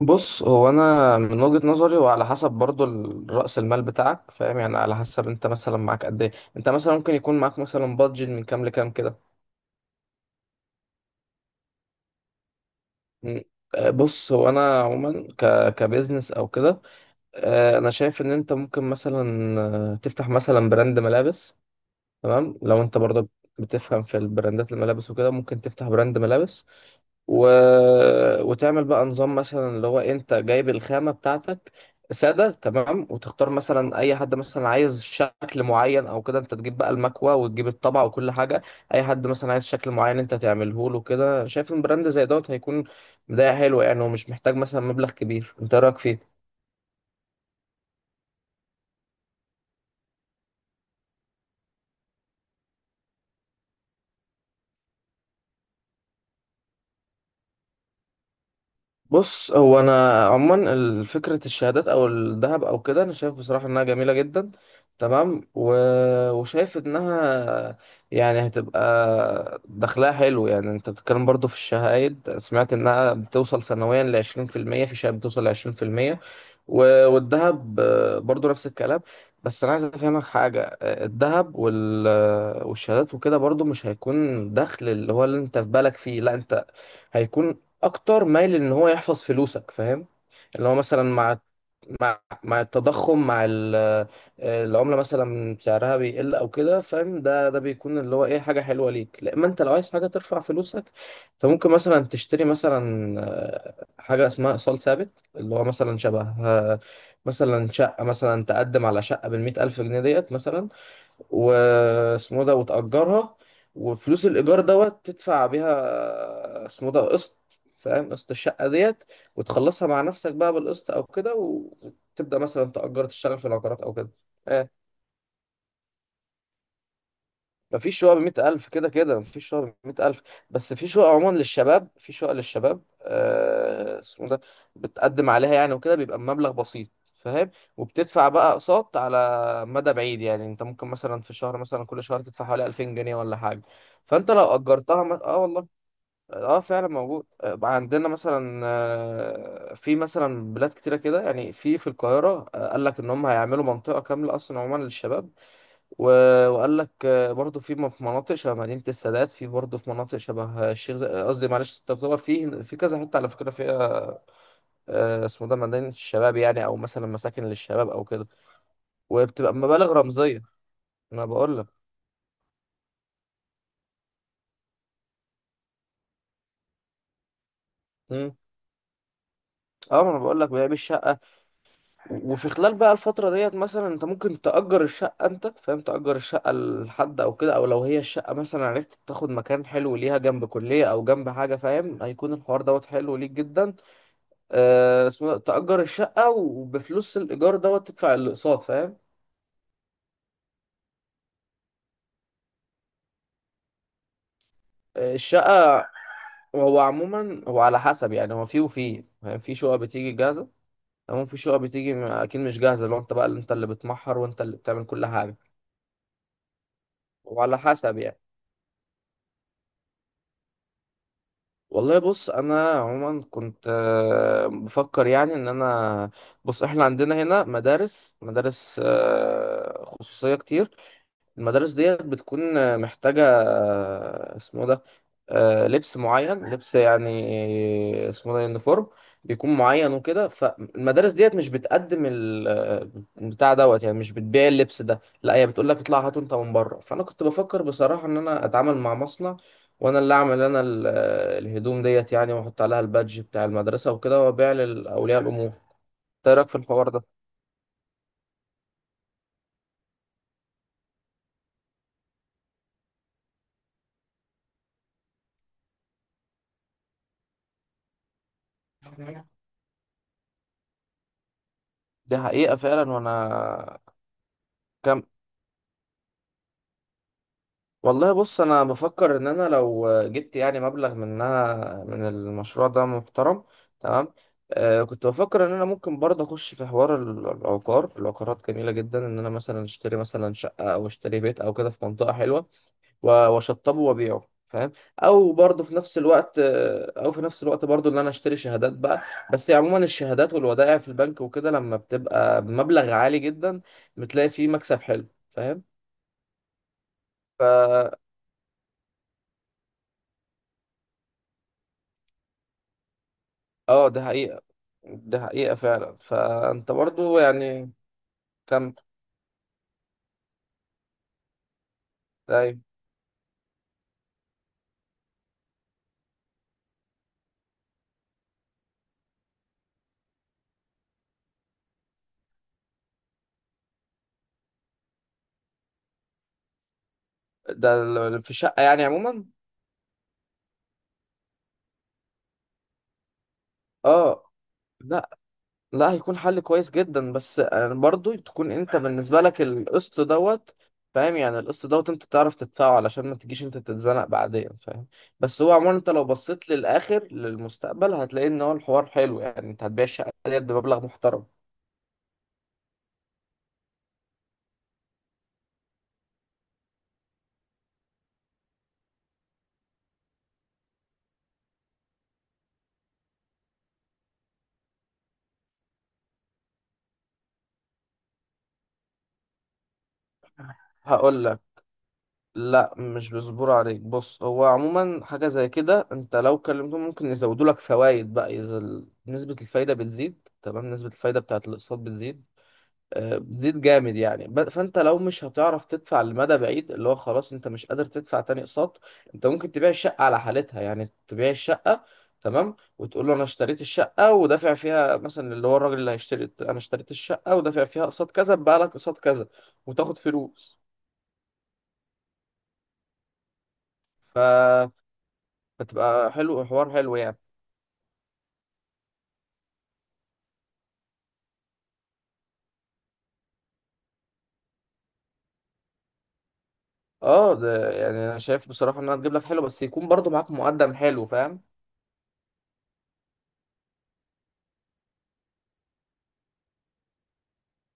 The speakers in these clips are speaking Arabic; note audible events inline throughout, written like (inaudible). بص، هو انا من وجهة نظري وعلى حسب برضو رأس المال بتاعك. فاهم؟ يعني على حسب انت مثلا معاك قد ايه. انت مثلا ممكن يكون معاك مثلا بادجت من كام لكام كده. م. بص، هو انا عموما كبزنس او كده. انا شايف ان انت ممكن مثلا تفتح مثلا براند ملابس. تمام، لو انت برضو بتفهم في البراندات الملابس وكده ممكن تفتح براند ملابس و... وتعمل بقى نظام مثلا اللي هو انت جايب الخامة بتاعتك سادة. تمام، وتختار مثلا اي حد مثلا عايز شكل معين او كده، انت تجيب بقى المكوة وتجيب الطبعة وكل حاجة. اي حد مثلا عايز شكل معين انت تعمله له كده. شايف ان براند زي دوت هيكون بداية حلوة يعني، ومش محتاج مثلا مبلغ كبير. انت إيه رأيك فيه؟ بص، هو انا عموما فكره الشهادات او الذهب او كده، انا شايف بصراحه انها جميله جدا. تمام، وشايف انها يعني هتبقى دخلها حلو. يعني انت بتتكلم برضو في الشهايد، سمعت انها بتوصل سنويا ل 20% في المية، في شهاده بتوصل ل 20%. و... والذهب برضو نفس الكلام. بس انا عايز افهمك حاجه. الذهب والشهادات وكده برضو مش هيكون دخل اللي هو اللي انت في بالك فيه. لا، انت هيكون اكتر مايل ان هو يحفظ فلوسك. فاهم؟ اللي هو مثلا مع التضخم، مع العمله مثلا سعرها بيقل او كده. فاهم؟ ده بيكون اللي هو ايه، حاجه حلوه ليك. لا، ما انت لو عايز حاجه ترفع فلوسك انت ممكن مثلا تشتري مثلا حاجه اسمها ايصال ثابت، اللي هو مثلا شبه مثلا شقه. مثلا تقدم على شقه بالمئة الف جنيه ديت مثلا، واسمه ده وتأجرها، وفلوس الإيجار دوت تدفع بيها اسمه ده قسط. فاهم؟ قسط الشقة ديت، وتخلصها مع نفسك بقى بالقسط أو كده، وتبدأ مثلا تأجر، تشتغل في العقارات أو كده. آه. مفيش شقق بمئة ألف، كده كده مفيش شقق بمئة ألف. بس في شقق عموما للشباب، في شقق للشباب اسمه ده، بتقدم عليها يعني وكده بيبقى بمبلغ بسيط. فاهم؟ وبتدفع بقى أقساط على مدى بعيد. يعني أنت ممكن مثلا في الشهر، مثلا كل شهر تدفع حوالي 2000 جنيه ولا حاجة. فأنت لو أجرتها والله. آه فعلا موجود. عندنا مثلا في مثلا بلاد كتيرة كده. يعني في في القاهرة قال لك إن هم هيعملوا منطقة كاملة أصلا عموما للشباب. وقال لك برضه في في مناطق شبه مدينة السادات، في برضه في مناطق شبه الشيخ زايد. قصدي، معلش، تعتبر في في كذا حتة على فكرة فيها اسمه ده، مدينة الشباب يعني، أو مثلا مساكن للشباب أو كده، وبتبقى مبالغ رمزية. أنا بقول لك. مم. اه، ما انا بقول لك، بيع الشقه، وفي خلال بقى الفتره ديت مثلا انت ممكن تأجر الشقه. انت فاهم؟ تأجر الشقه لحد او كده، او لو هي الشقه مثلا عرفت تاخد مكان حلو ليها جنب كليه او جنب حاجه، فاهم؟ هيكون الحوار دوت حلو ليك جدا. اسمه ده، تأجر الشقة وبفلوس الإيجار دوت تدفع الأقساط. فاهم؟ الشقة. هو عموما، هو على حسب يعني، هو فيه وفيه، فاهم؟ في شقق بتيجي جاهزة، تمام، في شقق بتيجي أكيد مش جاهزة لو أنت بقى اللي أنت اللي بتمحر وأنت اللي بتعمل كل حاجة، وعلى حسب يعني. والله، بص، أنا عموما كنت بفكر يعني إن أنا. بص، إحنا عندنا هنا مدارس خصوصية كتير. المدارس ديت بتكون محتاجة اسمه ده، لبس معين، لبس يعني اسمه ده يونيفورم، بيكون معين وكده. فالمدارس ديت مش بتقدم بتاع دوت، يعني مش بتبيع اللبس ده. لا، هي بتقول لك اطلع هاته انت من بره. فانا كنت بفكر بصراحة ان انا اتعامل مع مصنع، وانا اللي اعمل انا الهدوم ديت يعني، واحط عليها البادج بتاع المدرسة وكده، وابيع لاولياء الامور. إنت ايه رايك في الحوار ده؟ (laughs) دي حقيقة فعلا. وانا، كم. والله، بص، انا بفكر ان انا لو جبت يعني مبلغ منها، من المشروع ده محترم. تمام. آه، كنت بفكر ان انا ممكن برضه اخش في حوار العقارات. جميله جدا ان انا مثلا اشتري مثلا شقه او اشتري بيت او كده في منطقه حلوه، واشطبه وابيعه. فاهم؟ او برضه في نفس الوقت او في نفس الوقت برضه ان انا اشتري شهادات بقى. بس يعني عموما الشهادات والودائع في البنك وكده، لما بتبقى بمبلغ عالي جدا بتلاقي فيه مكسب حلو. فاهم؟ ف اه، ده حقيقة، دي حقيقة فعلا. فأنت برضو يعني، كم، أيوة. في شقة يعني عموما. اه، لا، لا هيكون حل كويس جدا، بس يعني برضو تكون انت بالنسبة لك القسط دوت فاهم. يعني القسط دوت انت تعرف تدفعه علشان ما تجيش انت تتزنق بعدين، فاهم؟ بس هو عموما انت لو بصيت للآخر، للمستقبل، هتلاقي ان هو الحوار حلو. يعني انت هتبيع الشقة ديت بمبلغ محترم. هقول، لا مش بيصبروا عليك. بص، هو عموما حاجة زي كده، انت لو كلمتهم ممكن يزودوا لك فوائد بقى. اذا نسبة الفايدة بتزيد، تمام، نسبة الفايدة بتاعت الاقساط بتزيد. بتزيد جامد يعني. فانت لو مش هتعرف تدفع لمدى بعيد، اللي هو خلاص انت مش قادر تدفع تاني اقساط، انت ممكن تبيع الشقة على حالتها. يعني تبيع الشقة، تمام، وتقول له انا اشتريت الشقة ودافع فيها مثلا. اللي هو الراجل اللي هيشتري، انا اشتريت الشقة ودافع فيها اقساط كذا بقى لك اقساط كذا، وتاخد فلوس. ف بتبقى حلو، حوار حلو يعني. اه ده، يعني انا شايف بصراحه انها تجيب لك حلو، بس يكون برضو معاك مقدم حلو، فاهم.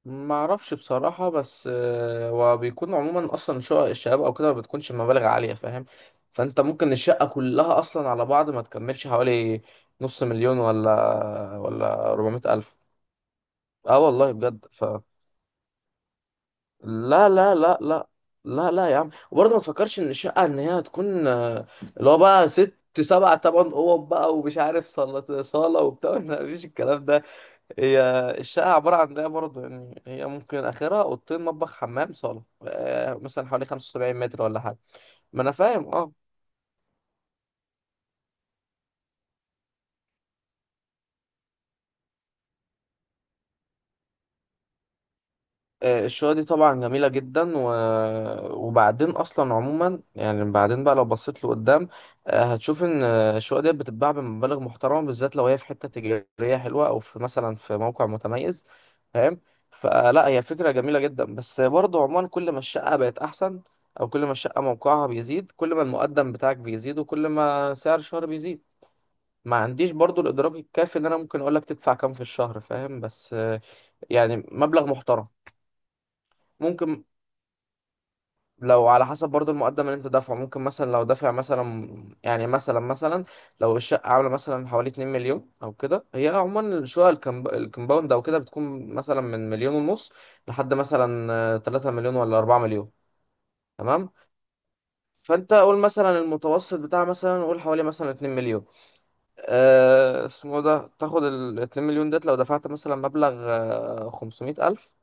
ما اعرفش بصراحه، بس وبيكون عموما اصلا شقق الشباب او كده ما بتكونش مبالغ عاليه، فاهم. فانت ممكن الشقه كلها اصلا على بعض ما تكملش حوالي نص مليون، ولا 400 الف. اه والله بجد. ف لا لا لا لا، لا لا يا عم. وبرضه ما تفكرش ان الشقه ان هي هتكون اللي هو بقى ست سبع تمن اوض بقى، ومش عارف صالة وبتاع. (laughs) لا، مفيش الكلام ده. هي الشقة عبارة عن ده برضه يعني. هي ممكن آخرها أوضتين، مطبخ، حمام، صالة، مثلا حوالي 75 متر ولا حاجة. ما أنا فاهم أه. الشقة دي طبعا جميلة جدا وبعدين أصلا عموما يعني بعدين بقى لو بصيت لقدام هتشوف إن الشقق دي بتتباع بمبالغ محترمة، بالذات لو هي في حتة تجارية حلوة أو في مثلا في موقع متميز. فاهم؟ فلا، هي فكرة جميلة جدا. بس برضه عموما كل ما الشقة بقت أحسن، أو كل ما الشقة موقعها بيزيد، كل ما المقدم بتاعك بيزيد، وكل ما سعر الشهر بيزيد. ما عنديش برضه الإدراك الكافي إن أنا ممكن أقولك تدفع كام في الشهر، فاهم، بس يعني مبلغ محترم. ممكن، لو على حسب برضو المقدم اللي انت دافعه، ممكن مثلا لو دافع مثلا يعني مثلا لو الشقة عاملة مثلا حوالي 2 مليون او كده. هي عموما الشقق الكمباوند او كده بتكون مثلا من مليون ونص لحد مثلا 3 مليون ولا 4 مليون. تمام، فانت قول مثلا المتوسط بتاع مثلا، قول حوالي مثلا 2 مليون. اسمه ده، تاخد ال 2 مليون ديت. لو دفعت مثلا مبلغ 500 ألف،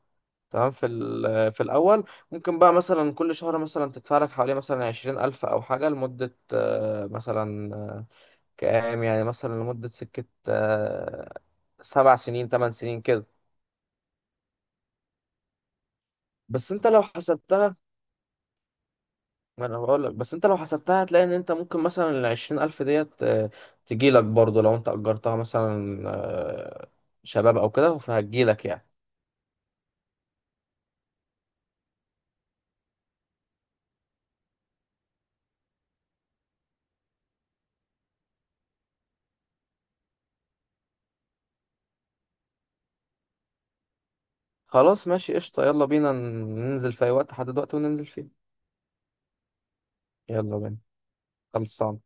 تمام، في في الاول ممكن بقى مثلا كل شهر مثلا تدفع لك حوالي مثلا 20,000 او حاجه لمده مثلا كام، يعني مثلا لمده سكه 7 سنين 8 سنين كده. بس انت لو حسبتها، ما انا بقول لك، بس انت لو حسبتها هتلاقي ان انت ممكن مثلا ال 20,000 ديت تجي لك برضه، لو انت اجرتها مثلا شباب او كده فهتجي لك يعني. خلاص، ماشي، قشطه. يلا بينا، ننزل في اي وقت، حدد وقت وننزل فيه. يلا بينا. خلصان.